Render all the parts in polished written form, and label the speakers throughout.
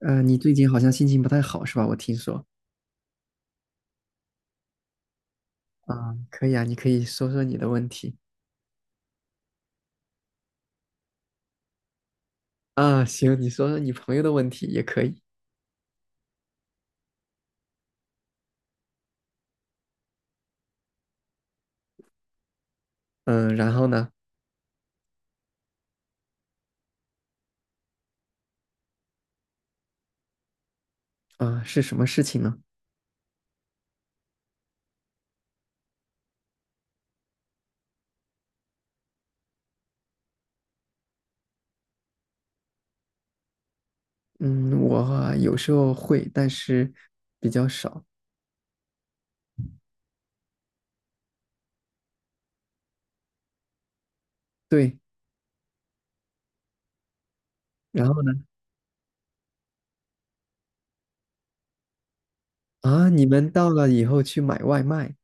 Speaker 1: 嗯，你最近好像心情不太好是吧？我听说。啊，可以啊，你可以说说你的问题。啊，行，你说说你朋友的问题也可以。嗯，然后呢？啊，是什么事情呢？嗯，我啊有时候会，但是比较少。对，然后呢？啊，你们到了以后去买外卖。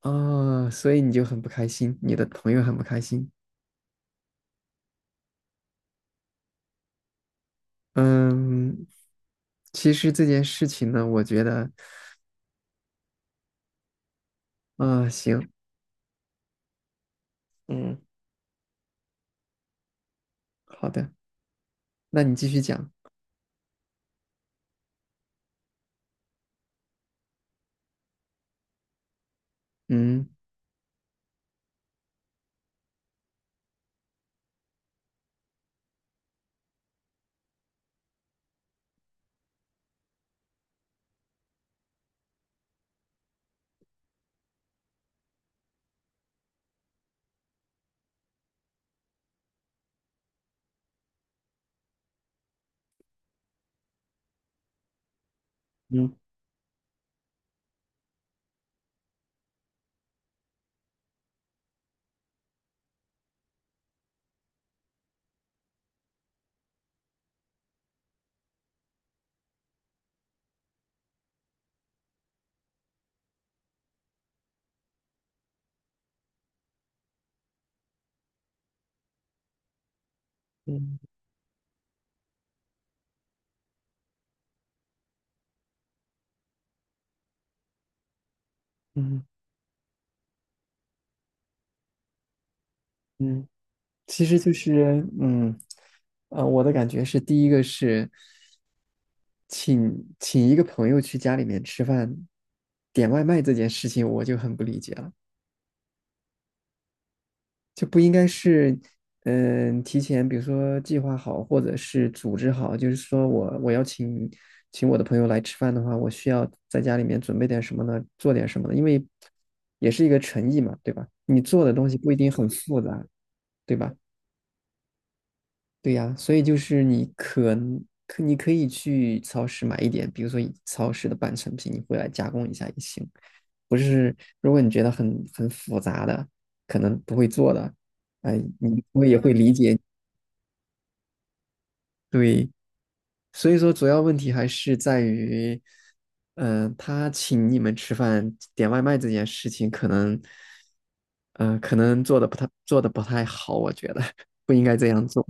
Speaker 1: 啊，所以你就很不开心，你的朋友很不开心。嗯，其实这件事情呢，我觉得啊，行，嗯，好的，那你继续讲。嗯。嗯嗯嗯嗯，其实就是我的感觉是，第一个是请请一个朋友去家里面吃饭，点外卖这件事情，我就很不理解了，就不应该是提前，比如说计划好，或者是组织好，就是说我要请我的朋友来吃饭的话，我需要在家里面准备点什么呢？做点什么呢？因为也是一个诚意嘛，对吧？你做的东西不一定很复杂。对吧？对呀，所以就是你可能你可以去超市买一点，比如说以超市的半成品，你回来加工一下也行。不是，如果你觉得很复杂的，可能不会做的，哎，你我也会理解。对，所以说主要问题还是在于，他请你们吃饭点外卖这件事情，可能，嗯，可能做的不太好，我觉得 不应该这样做。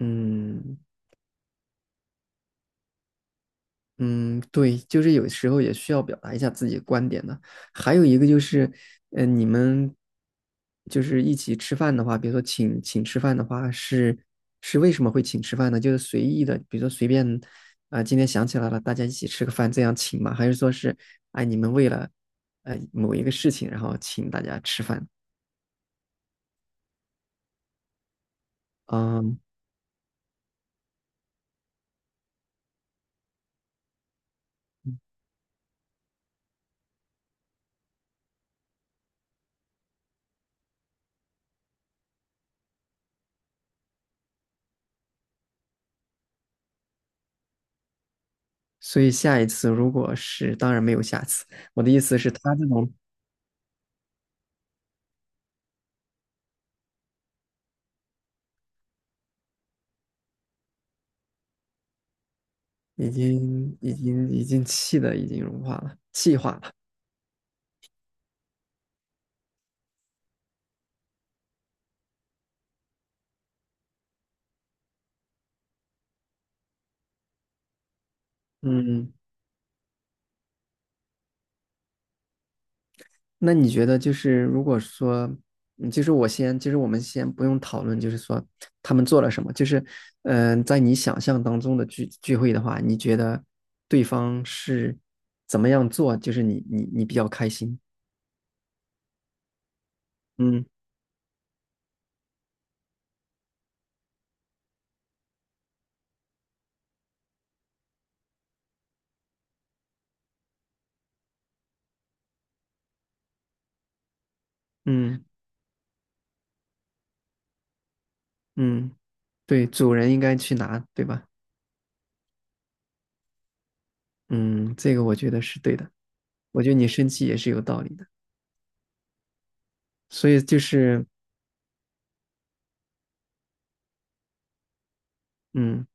Speaker 1: 嗯。嗯，对，就是有时候也需要表达一下自己的观点的。还有一个就是，你们就是一起吃饭的话，比如说请吃饭的话，是为什么会请吃饭呢？就是随意的，比如说随便啊、今天想起来了，大家一起吃个饭这样请吗？还是说是哎，你们为了某一个事情，然后请大家吃饭？嗯，所以下一次如果是，当然没有下次。我的意思是，他这种已经气的已经融化了，气化了。嗯，那你觉得就是如果说，就是我先，就是我们先不用讨论，就是说他们做了什么，就是在你想象当中的聚会的话，你觉得对方是怎么样做，就是你比较开心？嗯嗯嗯，对，主人应该去拿，对吧？嗯，这个我觉得是对的，我觉得你生气也是有道理的，所以就是嗯。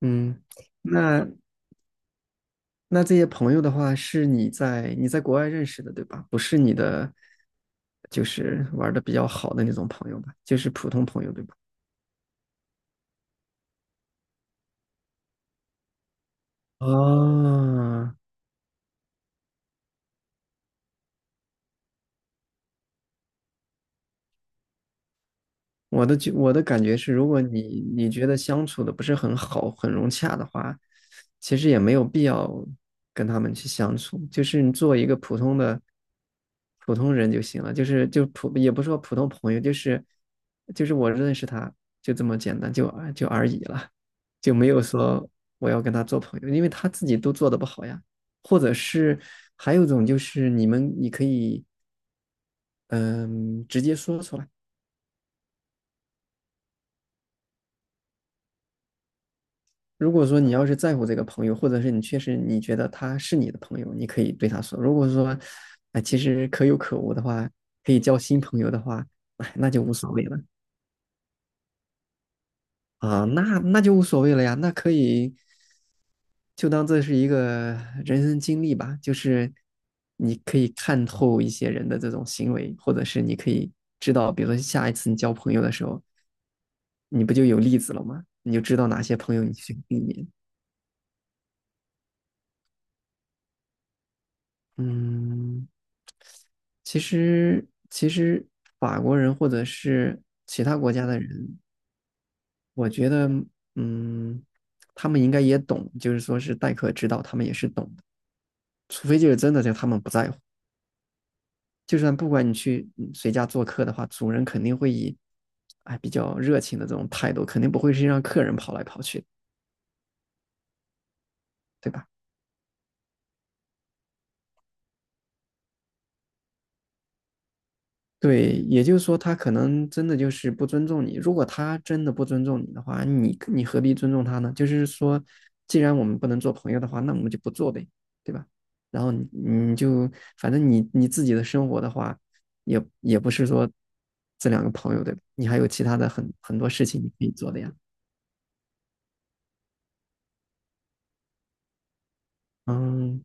Speaker 1: 嗯，那那这些朋友的话，是你在国外认识的，对吧？不是你的，就是玩的比较好的那种朋友吧，就是普通朋友，对吧？啊，我的感觉是，如果你觉得相处的不是很好、很融洽的话，其实也没有必要跟他们去相处，就是你做一个普通人就行了，就是也不是说普通朋友，就是就是我认识他就这么简单，就啊就而已了，就没有说我要跟他做朋友，因为他自己都做的不好呀，或者是还有一种就是你可以嗯、直接说出来。如果说你要是在乎这个朋友，或者是你确实你觉得他是你的朋友，你可以对他说。如果说，哎，其实可有可无的话，可以交新朋友的话，哎，那就无所谓了啊，那就无所谓了呀，那可以就当这是一个人生经历吧，就是你可以看透一些人的这种行为，或者是你可以知道，比如说下一次你交朋友的时候，你不就有例子了吗？你就知道哪些朋友你去避免。嗯，其实法国人或者是其他国家的人，我觉得，嗯，他们应该也懂，就是说是待客之道，他们也是懂的。除非就是真的，就他们不在乎。就算不管你去谁家做客的话，主人肯定会以，哎，比较热情的这种态度，肯定不会是让客人跑来跑去的对吧？对，也就是说，他可能真的就是不尊重你。如果他真的不尊重你的话，你何必尊重他呢？就是说，既然我们不能做朋友的话，那我们就不做呗，对吧？然后你就反正你自己的生活的话，也也不是说这两个朋友对吧？你还有其他的很多事情你可以做的呀。嗯。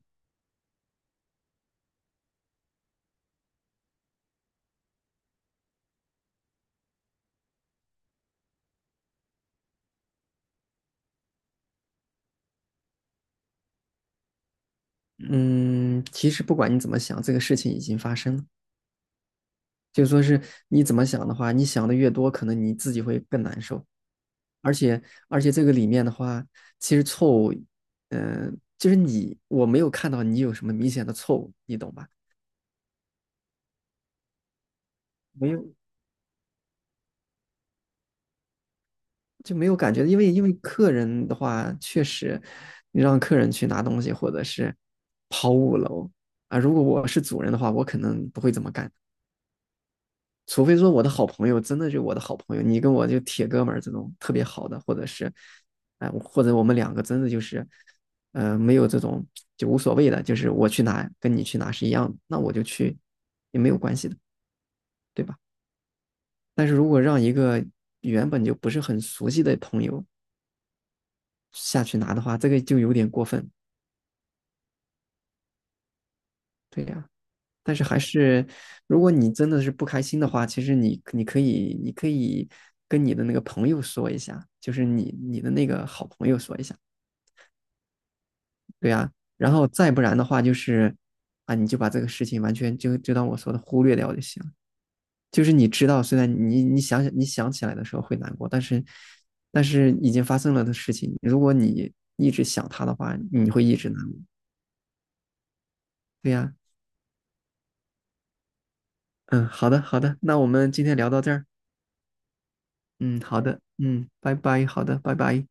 Speaker 1: 嗯，其实不管你怎么想，这个事情已经发生了。就说是你怎么想的话，你想的越多，可能你自己会更难受。而且这个里面的话，其实错误，就是你我没有看到你有什么明显的错误，你懂吧？没有就没有感觉，因为因为客人的话，确实你让客人去拿东西或者是跑五楼。啊，如果我是主人的话，我可能不会这么干，除非说我的好朋友真的就我的好朋友，你跟我就铁哥们儿这种特别好的，或者是，哎，或者我们两个真的就是，没有这种就无所谓的，就是我去拿跟你去拿是一样的，那我就去也没有关系的，对吧？但是如果让一个原本就不是很熟悉的朋友下去拿的话，这个就有点过分，对呀。啊，但是还是，如果你真的是不开心的话，其实你你可以跟你的那个朋友说一下，就是你的那个好朋友说一下，对呀，然后再不然的话，就是啊，你就把这个事情完全就当我说的忽略掉就行了。就是你知道，虽然你想起来的时候会难过，但是已经发生了的事情，如果你一直想他的话，你会一直难过。对呀，嗯，好的，那我们今天聊到这儿。嗯，好的，嗯，拜拜，好的，拜拜。